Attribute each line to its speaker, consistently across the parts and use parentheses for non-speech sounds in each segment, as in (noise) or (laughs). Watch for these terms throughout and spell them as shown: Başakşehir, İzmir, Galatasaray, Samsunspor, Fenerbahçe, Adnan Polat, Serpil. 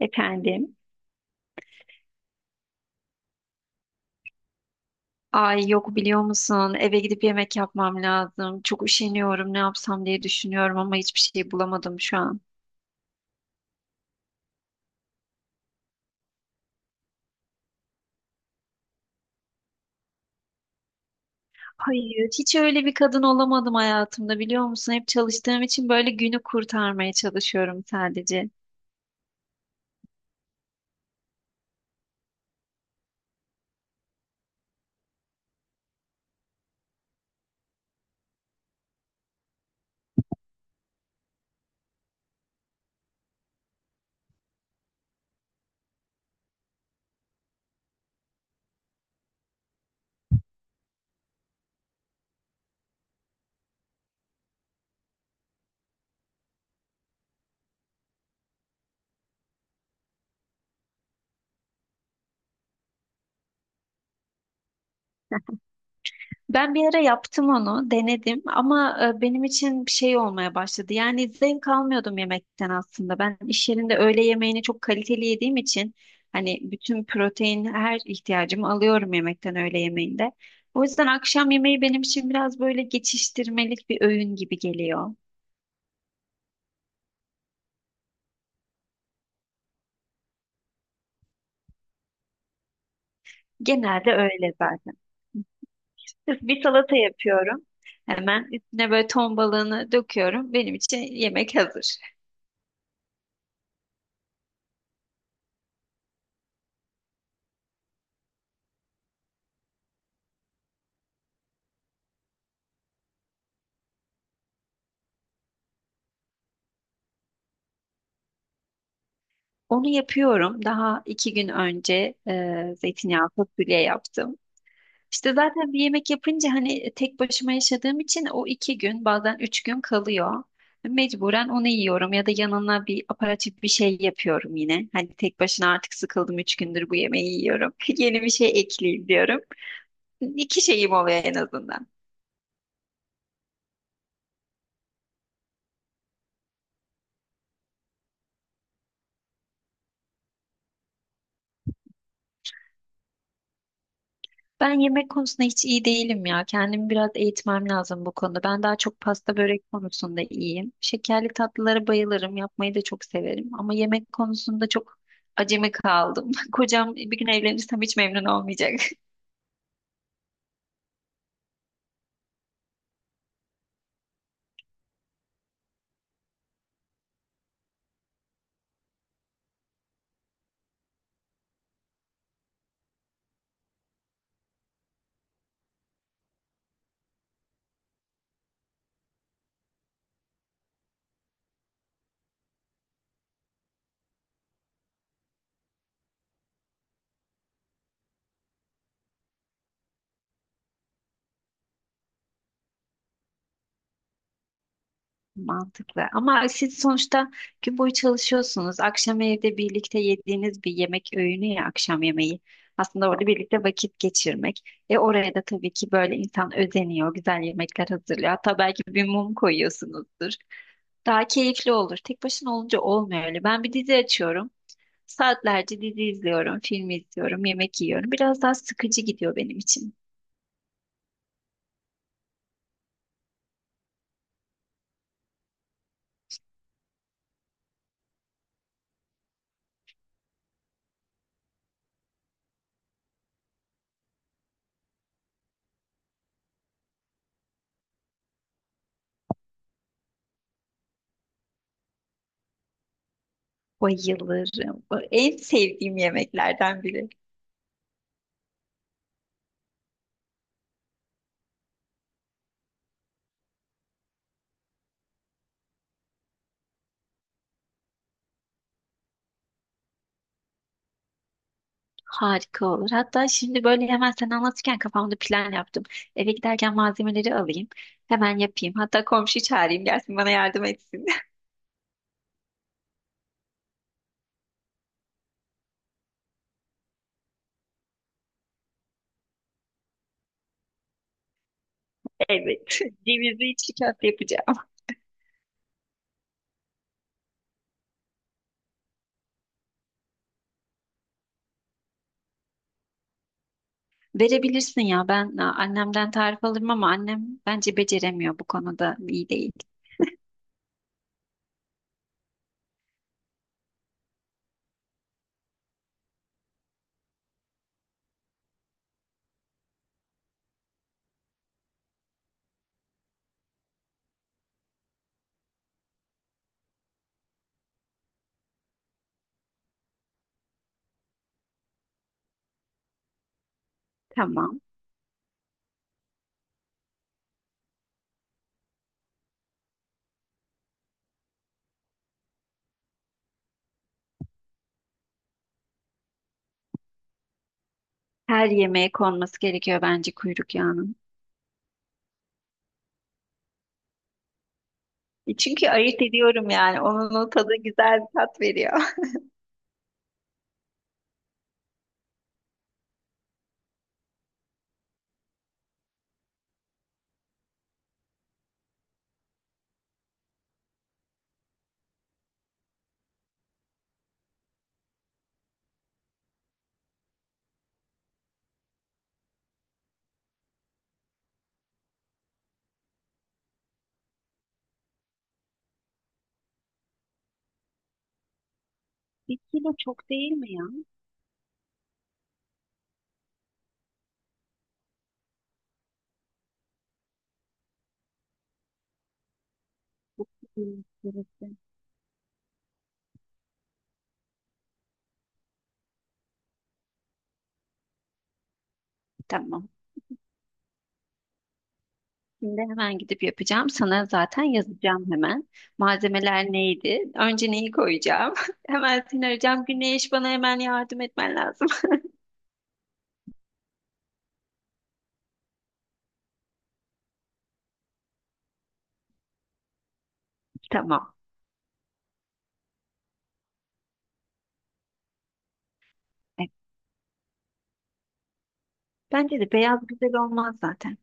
Speaker 1: Efendim. Ay yok biliyor musun? Eve gidip yemek yapmam lazım. Çok üşeniyorum. Ne yapsam diye düşünüyorum ama hiçbir şey bulamadım şu an. Hayır, hiç öyle bir kadın olamadım hayatımda biliyor musun? Hep çalıştığım için böyle günü kurtarmaya çalışıyorum sadece. Ben bir ara yaptım onu, denedim ama benim için bir şey olmaya başladı. Yani zevk almıyordum yemekten aslında. Ben iş yerinde öğle yemeğini çok kaliteli yediğim için hani bütün protein her ihtiyacımı alıyorum yemekten öğle yemeğinde. O yüzden akşam yemeği benim için biraz böyle geçiştirmelik bir öğün gibi geliyor. Genelde öyle zaten. Sırf bir salata yapıyorum. Hemen üstüne böyle ton balığını döküyorum. Benim için yemek hazır. Onu yapıyorum. Daha iki gün önce zeytinyağlı fasulye yaptım. İşte zaten bir yemek yapınca hani tek başıma yaşadığım için o iki gün bazen üç gün kalıyor. Mecburen onu yiyorum ya da yanına bir aparatif bir şey yapıyorum yine. Hani tek başına artık sıkıldım üç gündür bu yemeği yiyorum. (laughs) Yeni bir şey ekleyeyim diyorum. İki şeyim oluyor en azından. Ben yemek konusunda hiç iyi değilim ya. Kendimi biraz eğitmem lazım bu konuda. Ben daha çok pasta börek konusunda iyiyim. Şekerli tatlılara bayılırım. Yapmayı da çok severim. Ama yemek konusunda çok acemi kaldım. (laughs) Kocam bir gün evlenirsem hiç memnun olmayacak. Mantıklı. Ama siz sonuçta gün boyu çalışıyorsunuz. Akşam evde birlikte yediğiniz bir yemek öğünü ya akşam yemeği. Aslında orada birlikte vakit geçirmek. E oraya da tabii ki böyle insan özeniyor, güzel yemekler hazırlıyor. Hatta belki bir mum koyuyorsunuzdur. Daha keyifli olur. Tek başına olunca olmuyor öyle. Ben bir dizi açıyorum. Saatlerce dizi izliyorum, film izliyorum, yemek yiyorum. Biraz daha sıkıcı gidiyor benim için. Bayılırım. En sevdiğim yemeklerden biri. Harika olur. Hatta şimdi böyle hemen sen anlatırken kafamda plan yaptım. Eve giderken malzemeleri alayım. Hemen yapayım. Hatta komşuyu çağırayım gelsin bana yardım etsin. (laughs) Evet. Cevizli içli köfte yapacağım. Verebilirsin ya. Ben annemden tarif alırım ama annem bence beceremiyor bu konuda. İyi değil. Tamam. Her yemeğe konması gerekiyor bence kuyruk yağının. Çünkü ayırt ediyorum yani. Onun o tadı güzel bir tat veriyor. (laughs) Bir kilo çok değil mi ya? Hı, birlikte. Tamam. Şimdi hemen gidip yapacağım. Sana zaten yazacağım hemen. Malzemeler neydi? Önce neyi koyacağım? (laughs) Hemen seni arayacağım. Güneş bana hemen yardım etmen lazım. (laughs) Tamam. Evet. Bence de beyaz güzel olmaz zaten.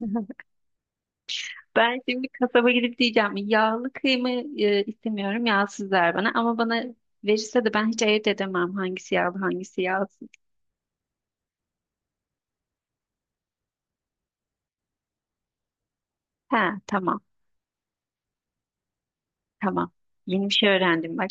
Speaker 1: (laughs) Ben şimdi kasaba gidip diyeceğim yağlı kıyma istemiyorum yağsız ver bana ama bana verirse de ben hiç ayırt edemem hangisi yağlı hangisi yağsız. He, tamam, tamam, yeni bir şey öğrendim bak.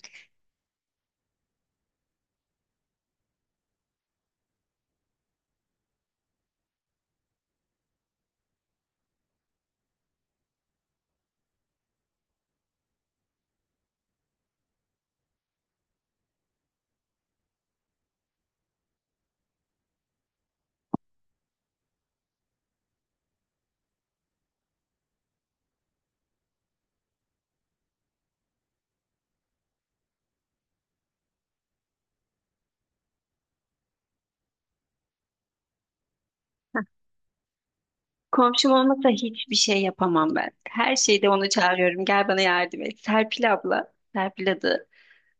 Speaker 1: Komşum olmasa hiçbir şey yapamam ben. Her şeyde onu çağırıyorum. Gel bana yardım et. Serpil abla, Serpil adı.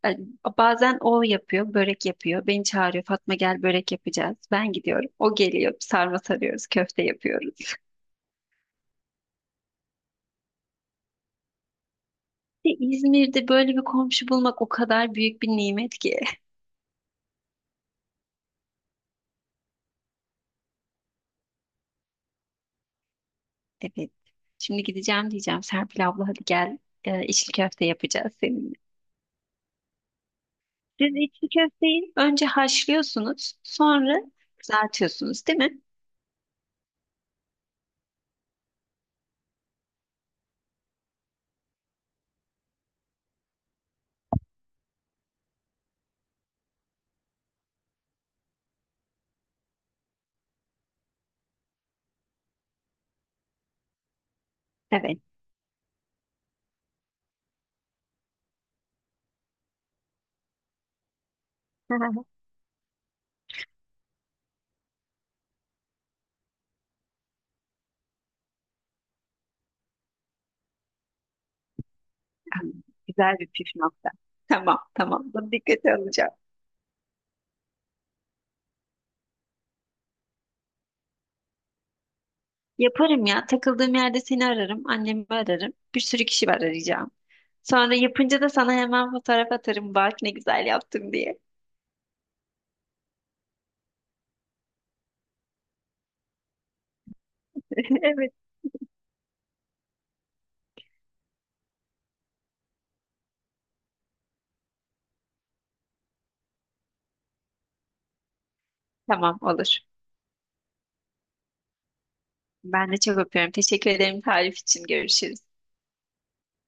Speaker 1: Yani bazen o yapıyor, börek yapıyor. Beni çağırıyor. Fatma gel börek yapacağız. Ben gidiyorum. O geliyor. Sarma sarıyoruz, köfte yapıyoruz. İşte İzmir'de böyle bir komşu bulmak o kadar büyük bir nimet ki. (laughs) Evet. Şimdi gideceğim diyeceğim. Serpil abla hadi gel. İçli köfte yapacağız seninle. Siz içli köfteyi önce haşlıyorsunuz, sonra kızartıyorsunuz, değil mi? Evet. (laughs) Güzel bir püf nokta. Tamam, tamam. Bunu dikkate alacağım. Yaparım ya. Takıldığım yerde seni ararım. Annemi ararım. Bir sürü kişi var arayacağım. Sonra yapınca da sana hemen fotoğraf atarım. Bak ne güzel yaptım diye. (laughs) Evet. Tamam olur. Ben de çok öpüyorum. Teşekkür ederim tarif için. Görüşürüz.